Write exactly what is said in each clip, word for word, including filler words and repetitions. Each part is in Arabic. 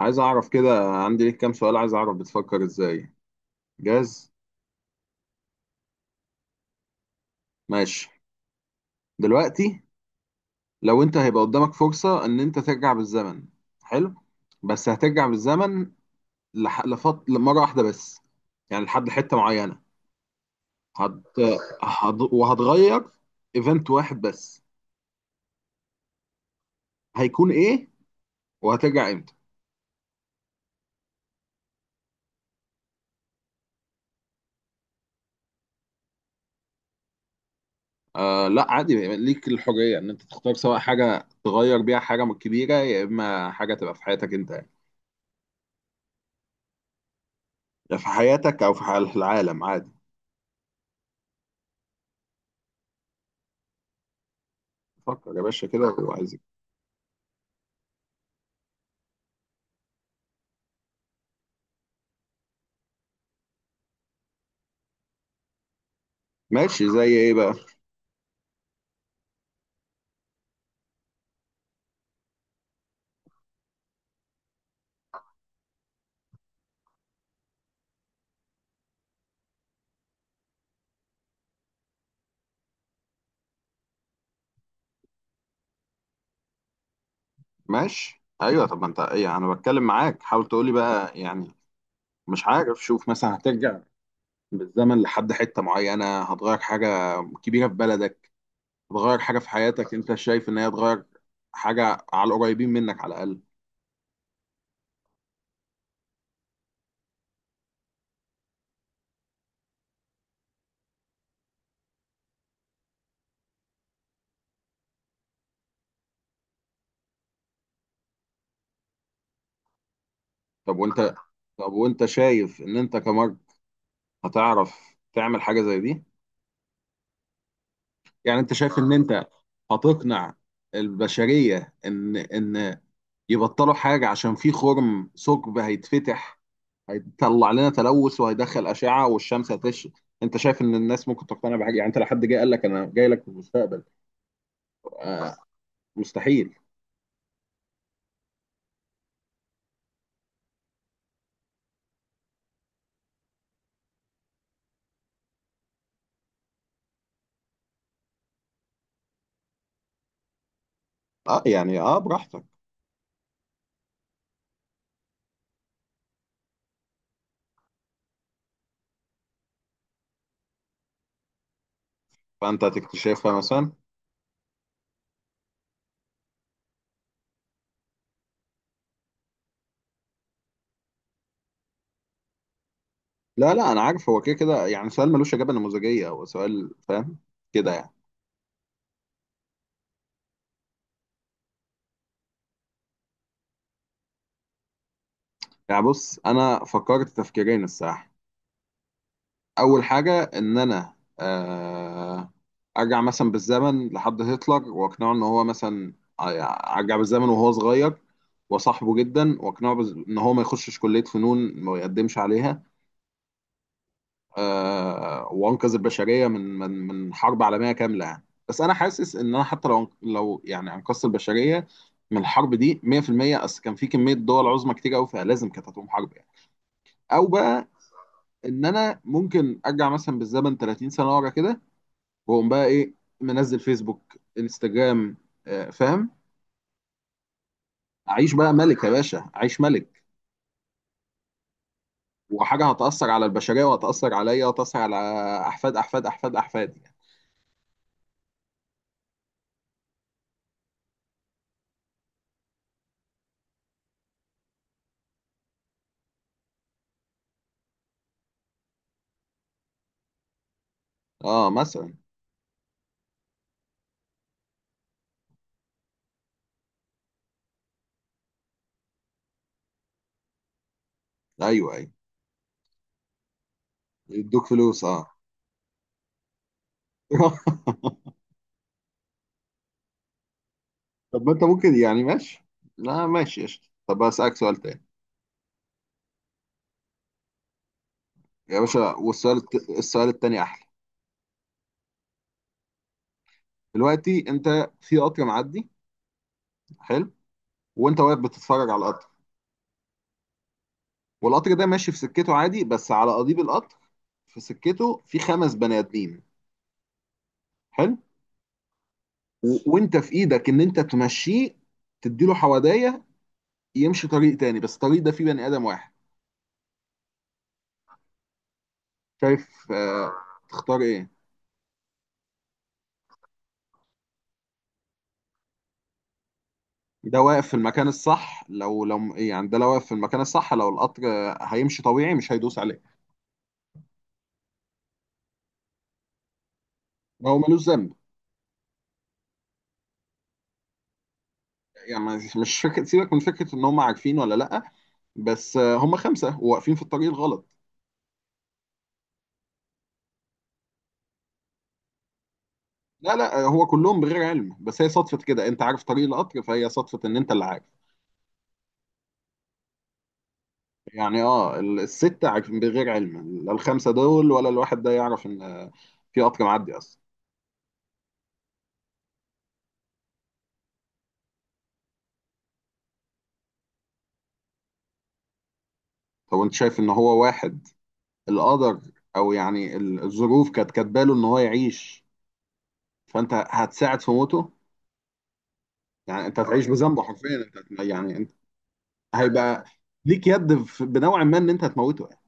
عايز اعرف كده، عندي ليك كام سؤال. عايز اعرف بتفكر ازاي. جاهز؟ ماشي. دلوقتي لو انت هيبقى قدامك فرصة ان انت ترجع بالزمن. حلو. بس هترجع بالزمن لح... لفط... لمرة واحدة بس، يعني لحد حتة معينة. هت... هت... وهتغير ايفنت واحد بس. هيكون ايه وهترجع امتى؟ آه لا، عادي، ليك الحرية ان انت تختار، سواء حاجة تغير بيها حاجة كبيرة، يا اما حاجة تبقى في حياتك انت يعني. يا في حياتك او في حال العالم، عادي. فكر يا باشا كده وعايزك. ماشي، زي ايه بقى؟ ماشي ايوه. طب ما انت ايه، انا بتكلم معاك، حاول تقولي بقى يعني. مش عارف، شوف مثلا، هترجع بالزمن لحد حته معينه، هتغير حاجه كبيره في بلدك، هتغير حاجه في حياتك. انت شايف ان هي هتغير حاجه على القريبين منك على الاقل؟ طب وانت طب وانت شايف ان انت كمرج هتعرف تعمل حاجه زي دي؟ يعني انت شايف ان انت هتقنع البشريه ان ان يبطلوا حاجة عشان في خرم، ثقب هيتفتح، هيطلع لنا تلوث وهيدخل أشعة والشمس هتشرق؟ أنت شايف إن الناس ممكن تقتنع بحاجة؟ يعني أنت لو حد جه قال لك: أنا جاي لك في المستقبل. آه، مستحيل. أه يعني، أه، براحتك. فأنت هتكتشفها مثلا. لا لا، أنا عارف هو كده كده، يعني سؤال ملوش إجابة نموذجية، هو سؤال فاهم كده يعني. يعني بص، أنا فكرت تفكيرين الصراحة. اول حاجه ان انا آه، ارجع مثلا بالزمن لحد هتلر واقنعه ان هو مثلا، ع- ارجع بالزمن وهو صغير وصاحبه جدا واقنعه بز- ان هو ما يخشش كليه فنون، ما يقدمش عليها. آه، وانقذ البشريه من من من حرب عالميه كامله يعني. بس انا حاسس ان انا حتى لو لو يعني انقذت البشريه من الحرب دي مية في المية، اصل كان في كميه دول عظمى كتير قوي، فلازم كانت هتقوم حرب يعني. او بقى ان انا ممكن ارجع مثلا بالزمن تلاتين سنه ورا كده، واقوم بقى ايه، منزل فيسبوك، انستجرام. آه، فاهم. اعيش بقى ملك يا باشا، اعيش ملك. وحاجه هتاثر على البشريه وهتاثر عليا وهتاثر على احفاد احفاد احفاد احفادي يعني. اه مثلا. ايوه ايوه، يدوك فلوس اه. طب ما انت ممكن يعني ماشي. لا ماشي قشطة، طب اسالك سؤال تاني؟ يا باشا، والسؤال الت- السؤال التاني احلى. دلوقتي انت في قطر معدي. حلو. وانت واقف بتتفرج على القطر. والقطر ده ماشي في سكته عادي، بس على قضيب القطر في سكته في خمس بني ادمين. حلو. و- وانت في ايدك ان انت تمشيه، تديله حوادية، يمشي طريق تاني، بس الطريق ده فيه بني ادم واحد. شايف؟ آه. تختار ايه؟ ده واقف في المكان الصح. لو لو يعني ده لو واقف في المكان الصح، لو القطر آه، هيمشي طبيعي مش هيدوس عليه. هو ملوش ذنب يعني. مش مش فكرة، سيبك من فكرة ان هم عارفين ولا لا، بس آه، هم خمسة وواقفين في الطريق الغلط. لا لا، آه، هو كلهم بغير علم، بس هي صدفة كده انت عارف طريق القطر، فهي صدفة ان انت اللي عارف. يعني اه، ال- الستة عج- بغير علم، لا الخمسة دول ولا الواحد ده يعرف ان في قطر معدي اصلا. طب انت شايف ان هو واحد القدر، او يعني ال- الظروف كانت كاتباله ان هو يعيش، فانت هتساعد في موته يعني؟ انت هتعيش بذنبه حرفيا، انت هت- يعني انت هيبقى ليك يد في- بنوع ما ان انت هتموته يعني.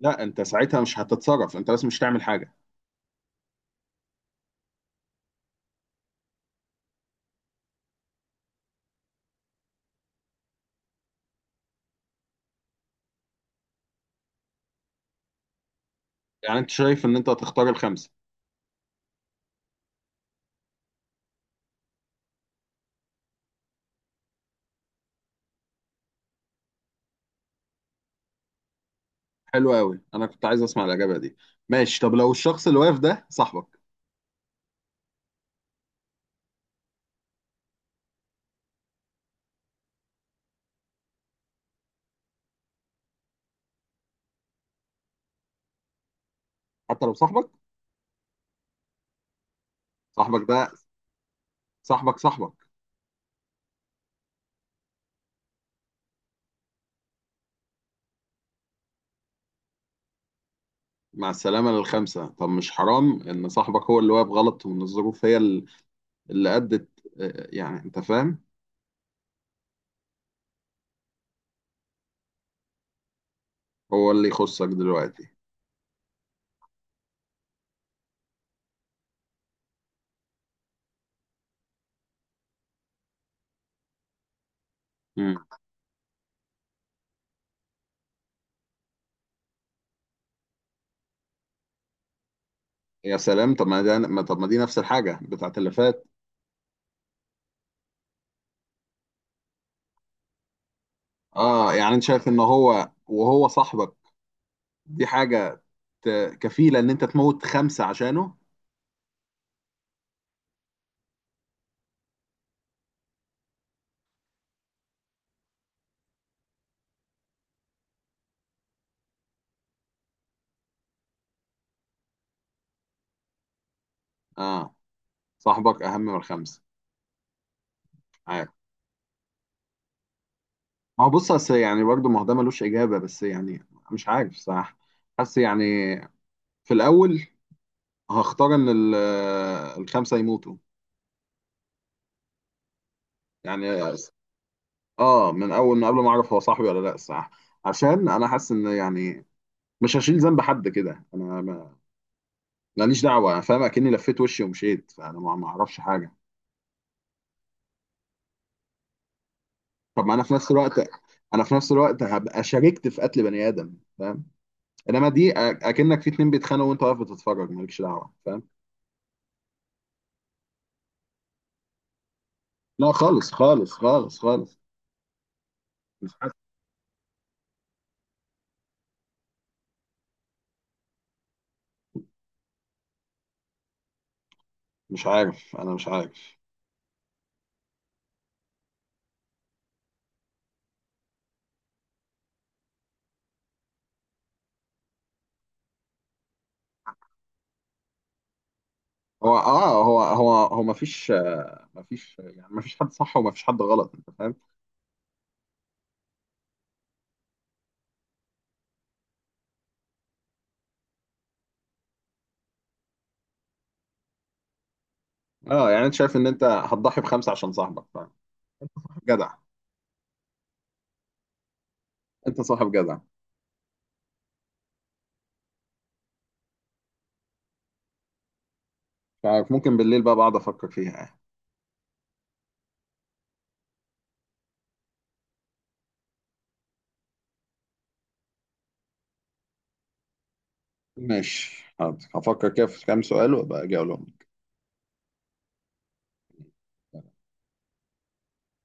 لا انت ساعتها مش هتتصرف، انت بس مش هتعمل حاجة. يعني انت شايف ان انت هتختار الخمسة. حلو قوي، انا كنت عايز اسمع الاجابة دي. ماشي، طب لو الشخص اللي واقف ده صاحبك؟ حتى لو صاحبك؟ صاحبك ده، صاحبك صاحبك. مع السلامة للخمسة. طب مش حرام إن صاحبك هو اللي واقف غلط، وإن الظروف هي ال- اللي أدت، آه، يعني أنت فاهم. هو اللي يخصك دلوقتي؟ مم. يا سلام. طب ما ده ما- طب ما دي نفس الحاجة بتاعت اللي فات. آه يعني أنت شايف إن هو، وهو صاحبك، دي حاجة ت- كفيلة إن أنت تموت خمسة عشانه. آه، صاحبك أهم من الخمسة. عارف، ما هو بص، أصل يعني برضه، ما هو ده ملوش إجابة بس يعني. مش عارف صح، حاسس يعني. في الأول هختار ان ال- آه، الخمسه يموتوا. يعني اه، من اول ما قبل ما اعرف هو صاحبي ولا لا الصراحه. عشان انا حاسس ان يعني مش هشيل ذنب حد كده. انا ما- ماليش دعوه، انا فاهم اكني لفيت وشي ومشيت، فانا ما ما اعرفش حاجه. طب ما انا في نفس الوقت، انا في نفس الوقت هبقى شاركت في قتل بني ادم، فاهم. انما دي أ- اكنك في اتنين بيتخانقوا وانت واقف بتتفرج مالكش دعوه، فاهم. لا خالص خالص خالص خالص. مش حاسس- مش عارف، انا مش عارف. هو اه هو هو هو مفيش، مفيش يعني، مفيش حد صح ومفيش حد غلط، انت فاهم. اه يعني انت شايف ان انت هتضحي بخمسه عشان صاحبك، فاهم. جدع. انت صاحب جدع. فممكن بالليل بقى بقعد افكر فيها يعني. ماشي حاضر، هفكر كده في كام سؤال وابقى اجي اقولهم.